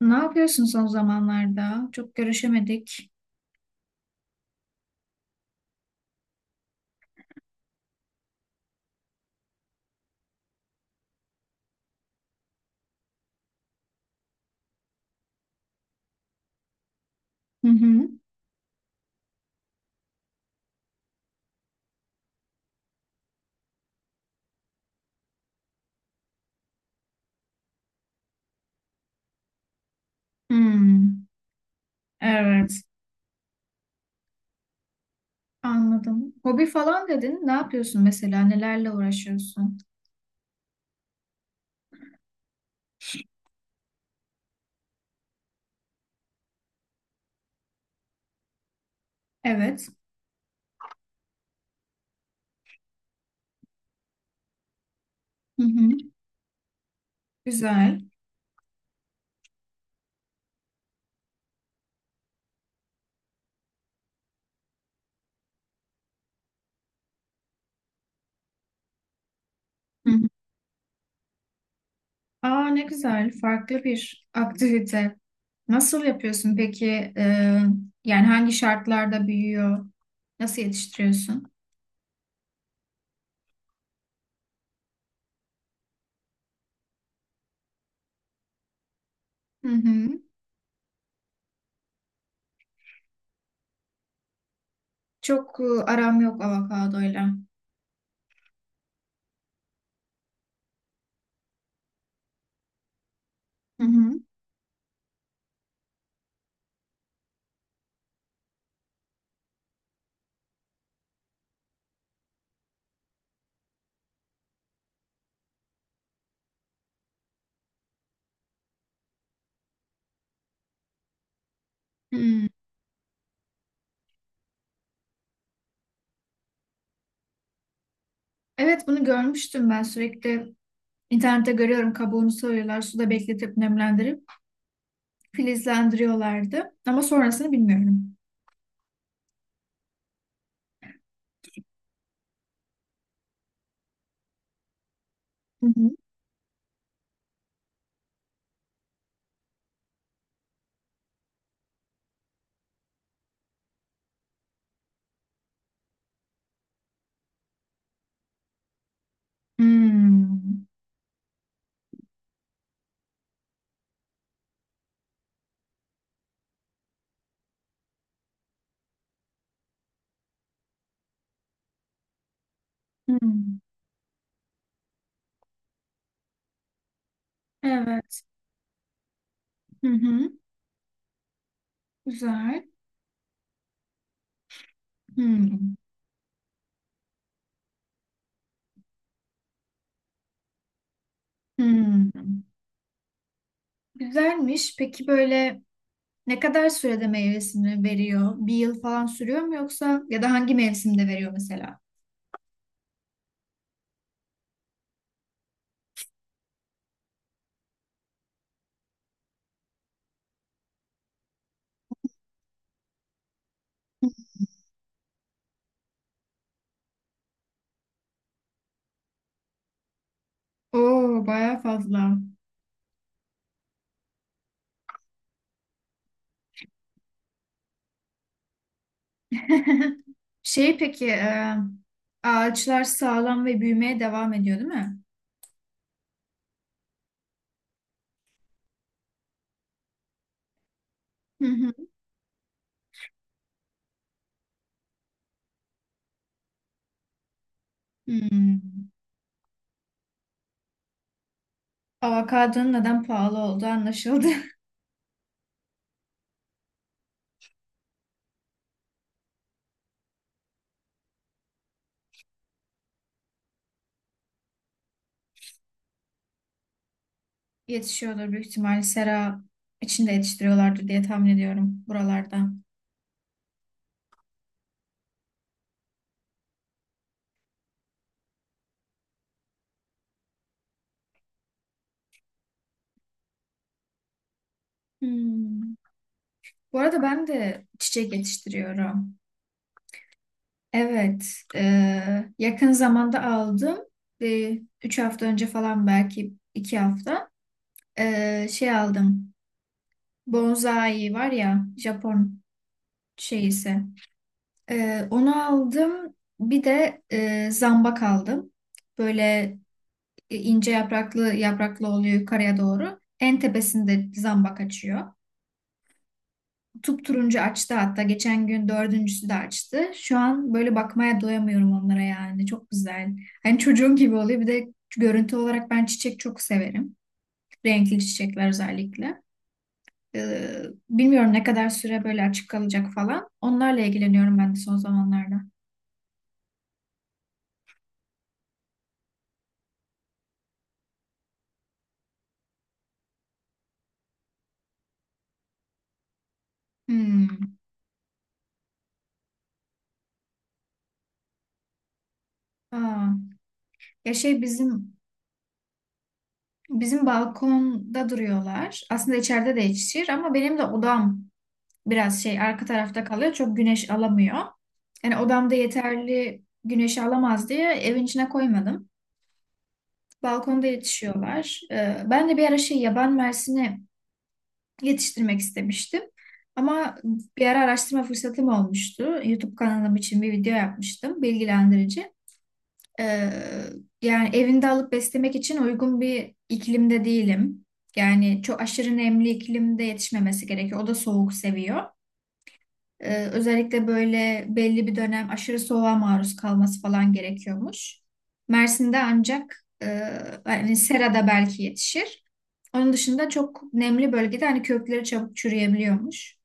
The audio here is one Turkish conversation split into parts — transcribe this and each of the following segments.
Ne yapıyorsun son zamanlarda? Çok görüşemedik. Hı hı. Hmm, evet, anladım. Hobi falan dedin. Ne yapıyorsun mesela? Nelerle uğraşıyorsun? Evet. Hı hı. Güzel. Hı hı. Aa ne güzel. Farklı bir aktivite. Nasıl yapıyorsun peki? Yani hangi şartlarda büyüyor? Nasıl yetiştiriyorsun? Hı hı. Çok aram yok avokadoyla. Hı hı. Hmm. Evet bunu görmüştüm ben sürekli İnternette görüyorum, kabuğunu soyuyorlar, suda bekletip nemlendirip filizlendiriyorlardı. Ama sonrasını bilmiyorum. Hı hı. Hmm. Hmm. Evet. Hı hı. Güzel. Hmm. Hmm. Güzelmiş. Peki böyle ne kadar sürede meyvesini veriyor? Bir yıl falan sürüyor mu, yoksa ya da hangi mevsimde veriyor mesela? Oo, bayağı fazla. Peki ağaçlar sağlam ve büyümeye devam ediyor değil mi? Hı hı. Hmm. Avokadonun neden pahalı olduğu anlaşıldı. Yetişiyordur büyük ihtimalle, sera içinde yetiştiriyorlardır diye tahmin ediyorum buralarda. Hmm. Bu arada ben de çiçek yetiştiriyorum. Evet, e, yakın zamanda aldım. Bir, üç hafta önce falan, belki iki hafta şey aldım. Bonsai var ya, Japon şeyisi. Onu aldım. Bir de zambak aldım. Böyle ince yapraklı yapraklı oluyor yukarıya doğru. En tepesinde zambak açıyor. Turuncu açtı hatta. Geçen gün dördüncüsü de açtı. Şu an böyle bakmaya doyamıyorum onlara yani. Çok güzel. Hani çocuğum gibi oluyor. Bir de görüntü olarak ben çiçek çok severim. Renkli çiçekler özellikle. Ee, bilmiyorum ne kadar süre böyle açık kalacak falan. Onlarla ilgileniyorum ben de son zamanlarda. Hmm. Aa. Ya şey bizim Bizim balkonda duruyorlar. Aslında içeride de yetişir ama benim de odam biraz arka tarafta kalıyor. Çok güneş alamıyor. Yani odamda yeterli güneşi alamaz diye evin içine koymadım. Balkonda yetişiyorlar. Ben de bir ara yaban mersini yetiştirmek istemiştim. Ama bir ara araştırma fırsatım olmuştu. YouTube kanalım için bir video yapmıştım, bilgilendirici. Ee, yani evinde alıp beslemek için uygun bir iklimde değilim. Yani çok aşırı nemli iklimde yetişmemesi gerekiyor. O da soğuk seviyor. Özellikle böyle belli bir dönem aşırı soğuğa maruz kalması falan gerekiyormuş. Mersin'de ancak hani serada belki yetişir. Onun dışında çok nemli bölgede hani kökleri çabuk çürüyebiliyormuş.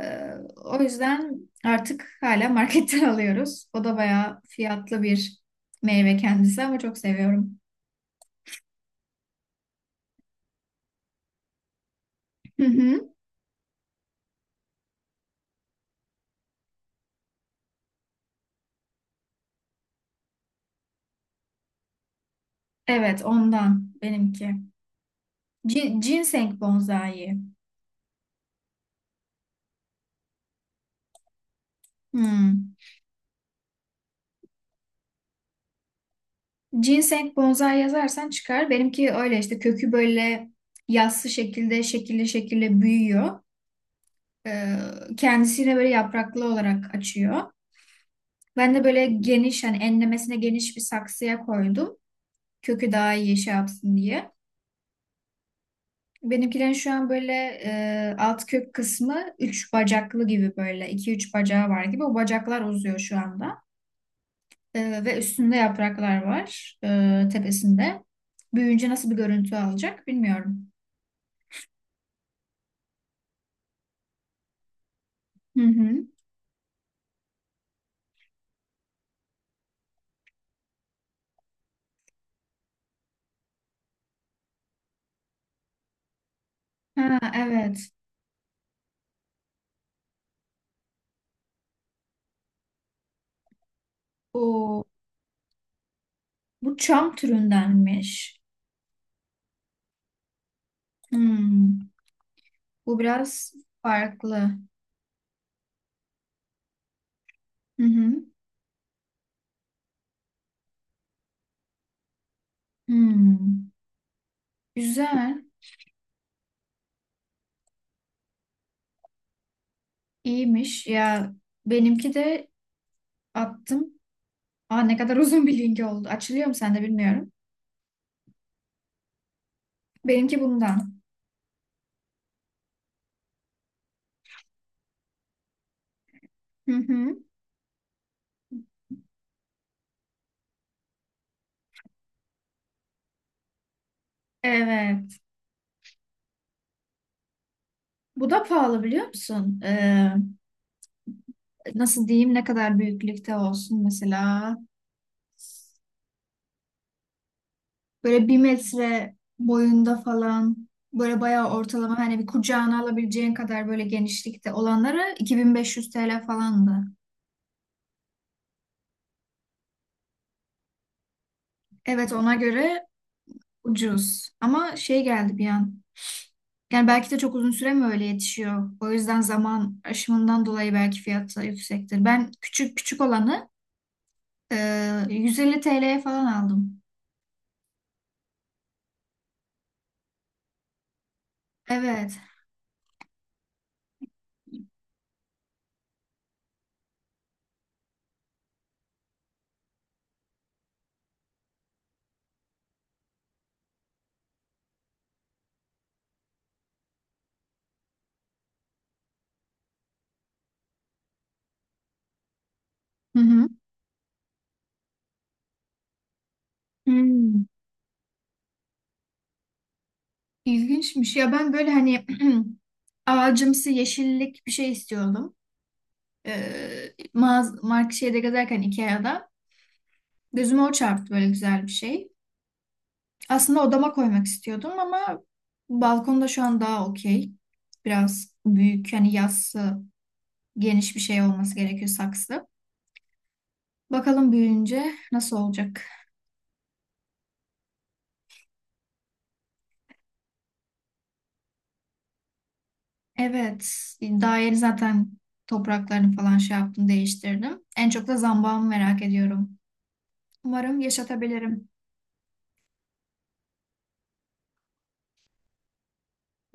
Ee, o yüzden artık hala marketten alıyoruz. O da bayağı fiyatlı bir meyve kendisi ama çok seviyorum. Hı hı. Evet, ondan benimki. Ginseng bonsai. Hmm. Ginseng bonsai yazarsan çıkar. Benimki öyle işte, kökü böyle yassı şekilde şekilli şekilde büyüyor. Ee, kendisine böyle yapraklı olarak açıyor. Ben de böyle geniş, hani enlemesine geniş bir saksıya koydum. Kökü daha iyi şey yapsın diye. Benimkilerin şu an böyle alt kök kısmı üç bacaklı gibi, böyle iki üç bacağı var gibi. O bacaklar uzuyor şu anda. Ve üstünde yapraklar var tepesinde. Büyüyünce nasıl bir görüntü alacak bilmiyorum. Hı hı. Ha, evet. O, bu çam türündenmiş. Hmm. Bu biraz farklı. Hı hı. Hmm. Güzel. İyiymiş. Ya benimki de attım. Aa, ne kadar uzun bir link oldu. Açılıyor mu sende bilmiyorum. Benimki bundan. Hı hı. Evet. Bu da pahalı biliyor musun? Nasıl diyeyim, ne kadar büyüklükte olsun mesela. Böyle bir metre boyunda falan, böyle bayağı ortalama, hani bir kucağına alabileceğin kadar böyle genişlikte olanları 2500 TL falandı. Evet, ona göre ucuz. Ama şey geldi bir an. Yani belki de çok uzun süre mi öyle yetişiyor? O yüzden zaman aşımından dolayı belki fiyatı da yüksektir. Ben küçük küçük olanı 150 TL'ye falan aldım. Evet. Hı hı. Hmm, ilginçmiş. Ya ben böyle hani ağacımsı yeşillik bir şey istiyordum. Mağaz mark şeyde gezerken, Ikea'da. Gözüme o çarptı, böyle güzel bir şey. Aslında odama koymak istiyordum ama balkonda şu an daha okey. Biraz büyük, yani yassı geniş bir şey olması gerekiyor, saksı. Bakalım büyüyünce nasıl olacak. Evet, daha yeni zaten topraklarını falan şey yaptım, değiştirdim. En çok da zambağımı merak ediyorum. Umarım yaşatabilirim.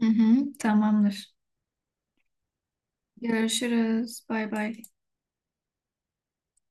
Hı hı, tamamdır. Görüşürüz. Bay bay.